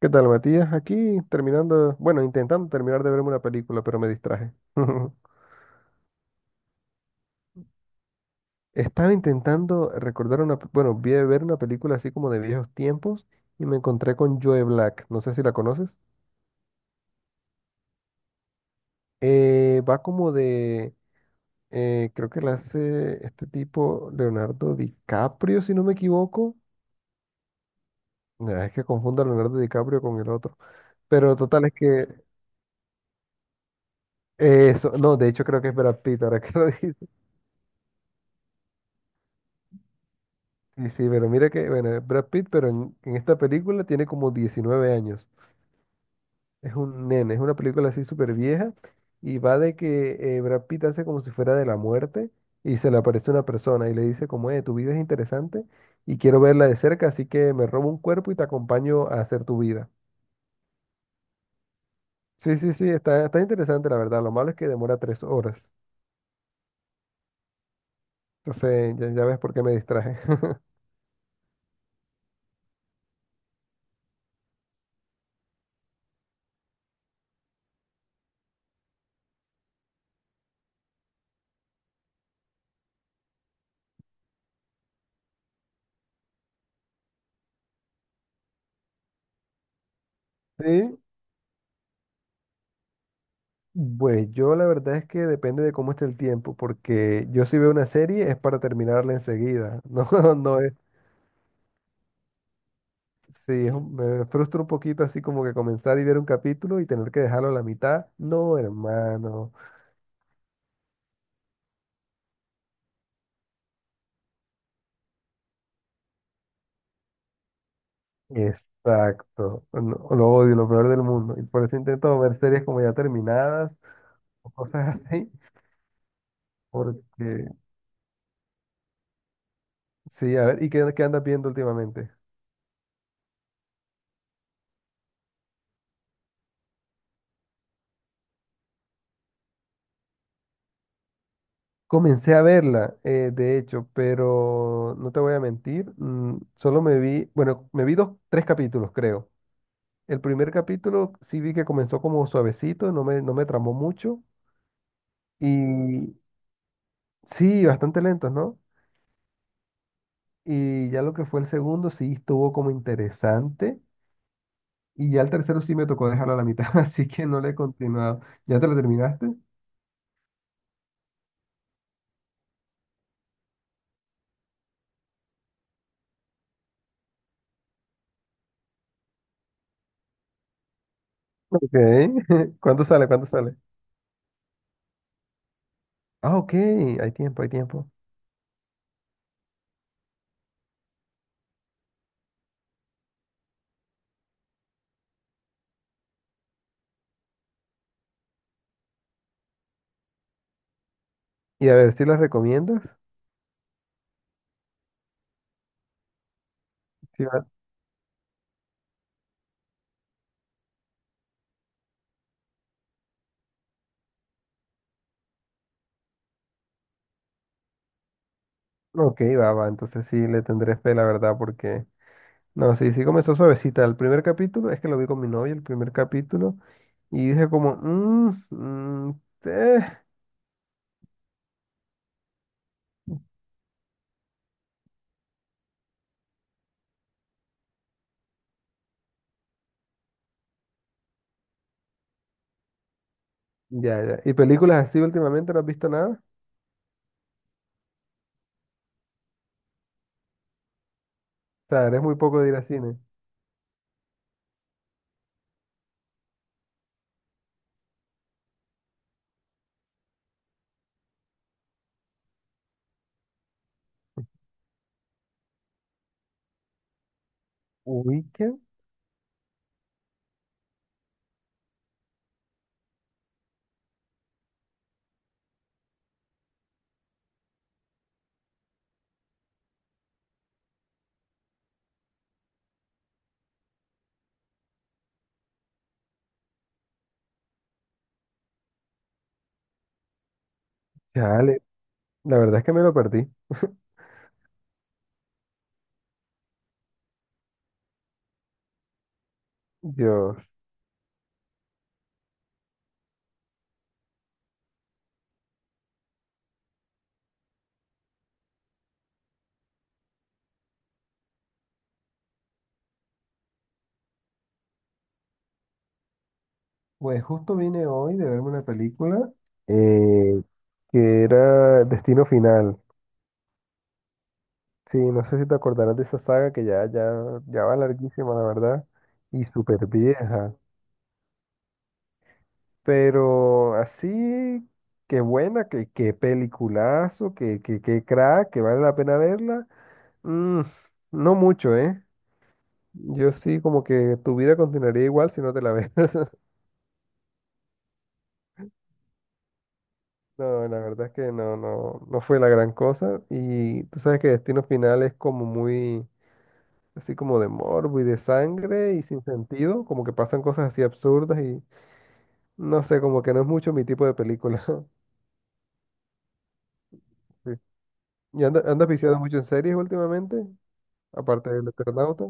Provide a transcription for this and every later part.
¿Qué tal, Matías? Aquí terminando, bueno, intentando terminar de verme una película, pero me distraje. Estaba intentando recordar una, bueno, vi ver una película así como de viejos tiempos y me encontré con Joe Black. No sé si la conoces. Eh, va como de, Creo que la hace este tipo Leonardo DiCaprio, si no me equivoco. Nah, es que confundo a Leonardo DiCaprio con el otro. Pero total es que eso, no, de hecho creo que es Brad Pitt, ahora que lo Sí, sí, pero mira que, bueno, Brad Pitt, pero en esta película tiene como 19 años. Es un nene, es una película así súper vieja y va de que Brad Pitt hace como si fuera de la muerte y se le aparece una persona y le dice como, tu vida es interesante y quiero verla de cerca, así que me robo un cuerpo y te acompaño a hacer tu vida. Sí, sí, sí, está, está interesante la verdad. Lo malo es que demora tres horas. Entonces, ya, ya ves por qué me distraje. Sí, pues yo la verdad es que depende de cómo esté el tiempo, porque yo si veo una serie es para terminarla enseguida. No, no es, sí, me frustra un poquito así como que comenzar y ver un capítulo y tener que dejarlo a la mitad. No, hermano, exacto. No, lo odio, lo peor del mundo. Y por eso intento ver series como ya terminadas o cosas así, porque sí, a ver, ¿y qué andas viendo últimamente? Comencé a verla, de hecho, pero no te voy a mentir, solo me vi, bueno, me vi dos, tres capítulos, creo. El primer capítulo sí vi que comenzó como suavecito, no me tramó mucho, y sí, bastante lento, ¿no? Y ya lo que fue el segundo sí estuvo como interesante, y ya el tercero sí me tocó dejarlo a la mitad, así que no le he continuado. ¿Ya te lo terminaste? Ok, ¿cuánto sale? ¿Cuánto sale? Ah, ok, hay tiempo, hay tiempo. Y a ver, ¿si las recomiendas? Sí, ok, va, va, entonces sí le tendré fe, la verdad, porque... No, sí, sí comenzó suavecita. Es que lo vi con mi novia, el primer capítulo, y dije como, "Mm, mm, eh.". Ya, ya. ¿Y películas así últimamente no has visto nada? O sea, eres muy poco de ir al cine. Weekend, chale, la verdad es que me lo perdí. Dios. Pues justo vine hoy de verme una película eh, que era Destino Final. Sí, no sé si te acordarás de esa saga que ya va larguísima, la verdad, y súper vieja. Pero así, qué buena, qué peliculazo, qué crack, que vale la pena verla. Mm, no mucho, ¿eh? Yo sí, como que tu vida continuaría igual si no te la ves. No, la verdad es que no fue la gran cosa. Y tú sabes que Destino Final es como muy, así como de morbo y de sangre y sin sentido, como que pasan cosas así absurdas y no sé, como que no es mucho mi tipo de película. Sí. ¿Y andas viciado mucho en series últimamente? Aparte del Eternauta.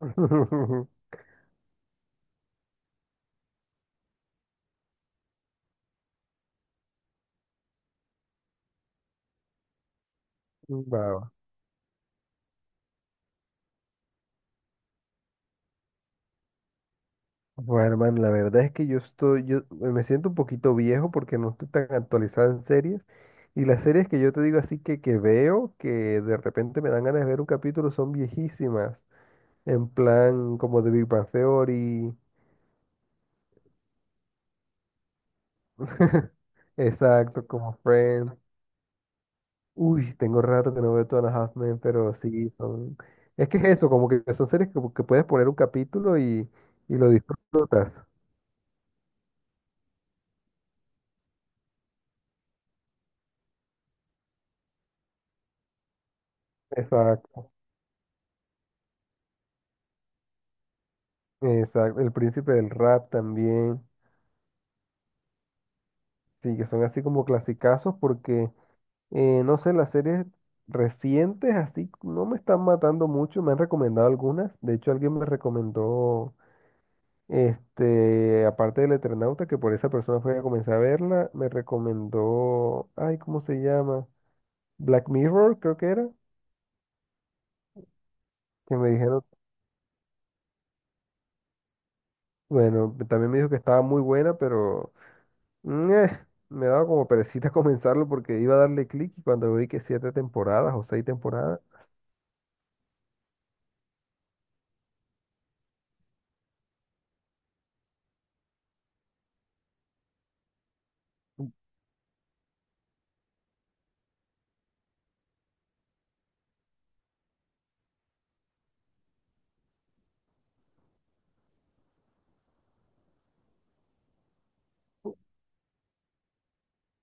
Va, va. Bueno, hermano, la verdad es que yo estoy, yo me siento un poquito viejo porque no estoy tan actualizado en series. Y las series que yo te digo así que veo, que de repente me dan ganas de ver un capítulo, son viejísimas. En plan, como The Big Bang Theory. Exacto, como Friends. Uy, tengo rato que no veo Two and a Half Men, pero sí, son... Es que es eso, como que son series que puedes poner un capítulo y lo disfrutas. Exacto, exacto. El Príncipe del Rap también. Sí, que son así como clasicazos porque, no sé, las series recientes así no me están matando mucho. Me han recomendado algunas. De hecho, alguien me recomendó, este, aparte del Eternauta, que por esa persona fue a comenzar a verla, me recomendó, ay, ¿cómo se llama? Black Mirror, creo que era, que me dijeron, bueno, también me dijo que estaba muy buena, pero mm, eh, me daba como perecita comenzarlo porque iba a darle clic y cuando vi que siete temporadas o seis temporadas,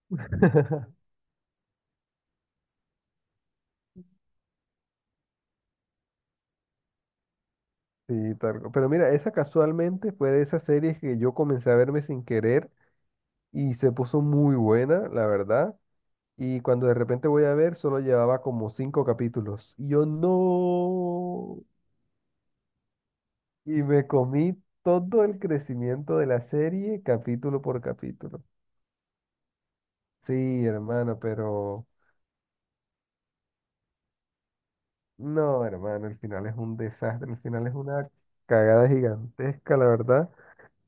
sí, tal. Pero mira, esa casualmente fue de esas series que yo comencé a verme sin querer y se puso muy buena, la verdad. Y cuando de repente voy a ver, solo llevaba como cinco capítulos. Y yo no. Y me comí todo el crecimiento de la serie capítulo por capítulo. Sí, hermano, pero no, hermano, el final es un desastre, el final es una cagada gigantesca, la verdad.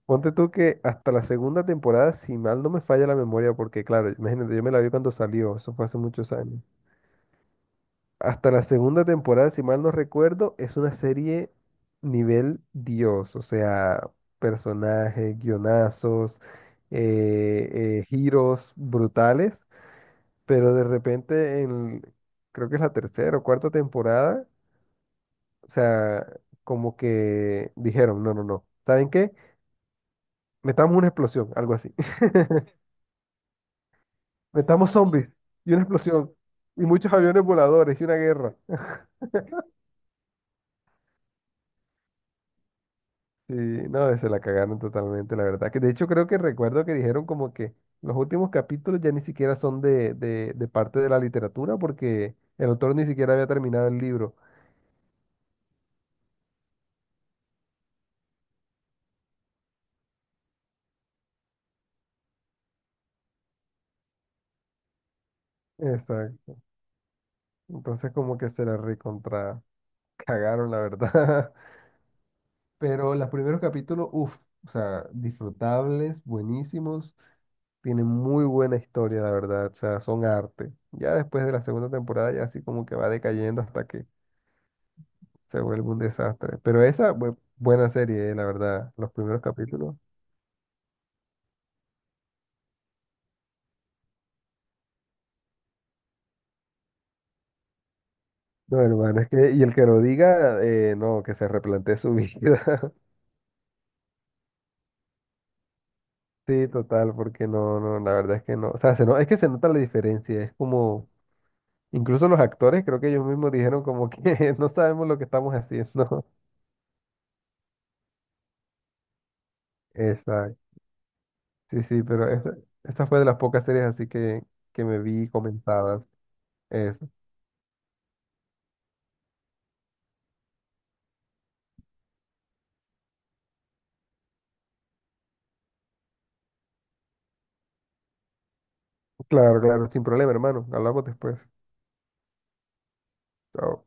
Ponte tú que hasta la segunda temporada, si mal no me falla la memoria, porque claro, imagínate, yo me la vi cuando salió, eso fue hace muchos años. Hasta la segunda temporada, si mal no recuerdo, es una serie nivel Dios, o sea, personajes, guionazos, giros brutales, pero de repente creo que es la tercera o cuarta temporada, o sea, como que dijeron, no, no, no. ¿Saben qué? Metamos una explosión, algo así. Metamos zombies y una explosión y muchos aviones voladores y una guerra. Sí, no, se la cagaron totalmente, la verdad. Que de hecho creo que recuerdo que dijeron como que los últimos capítulos ya ni siquiera son de parte de la literatura porque el autor ni siquiera había terminado el libro. Exacto. Entonces como que se la recontra cagaron, la verdad. Pero los primeros capítulos, uff, o sea, disfrutables, buenísimos, tienen muy buena historia, la verdad, o sea, son arte. Ya después de la segunda temporada, ya así como que va decayendo hasta que se vuelve un desastre. Pero esa, buena serie, la verdad, los primeros capítulos. No, hermano, es que, y el que lo diga, no, que se replantee su vida. Sí, total, porque no, no, la verdad es que no. O sea, se no, es que se nota la diferencia, es como, incluso los actores, creo que ellos mismos dijeron como que no sabemos lo que estamos haciendo. Exacto. Sí, sí, pero esa fue de las pocas series así que me vi comentadas. Eso. Claro, claro, sin problema, hermano. Hablamos después. Chao.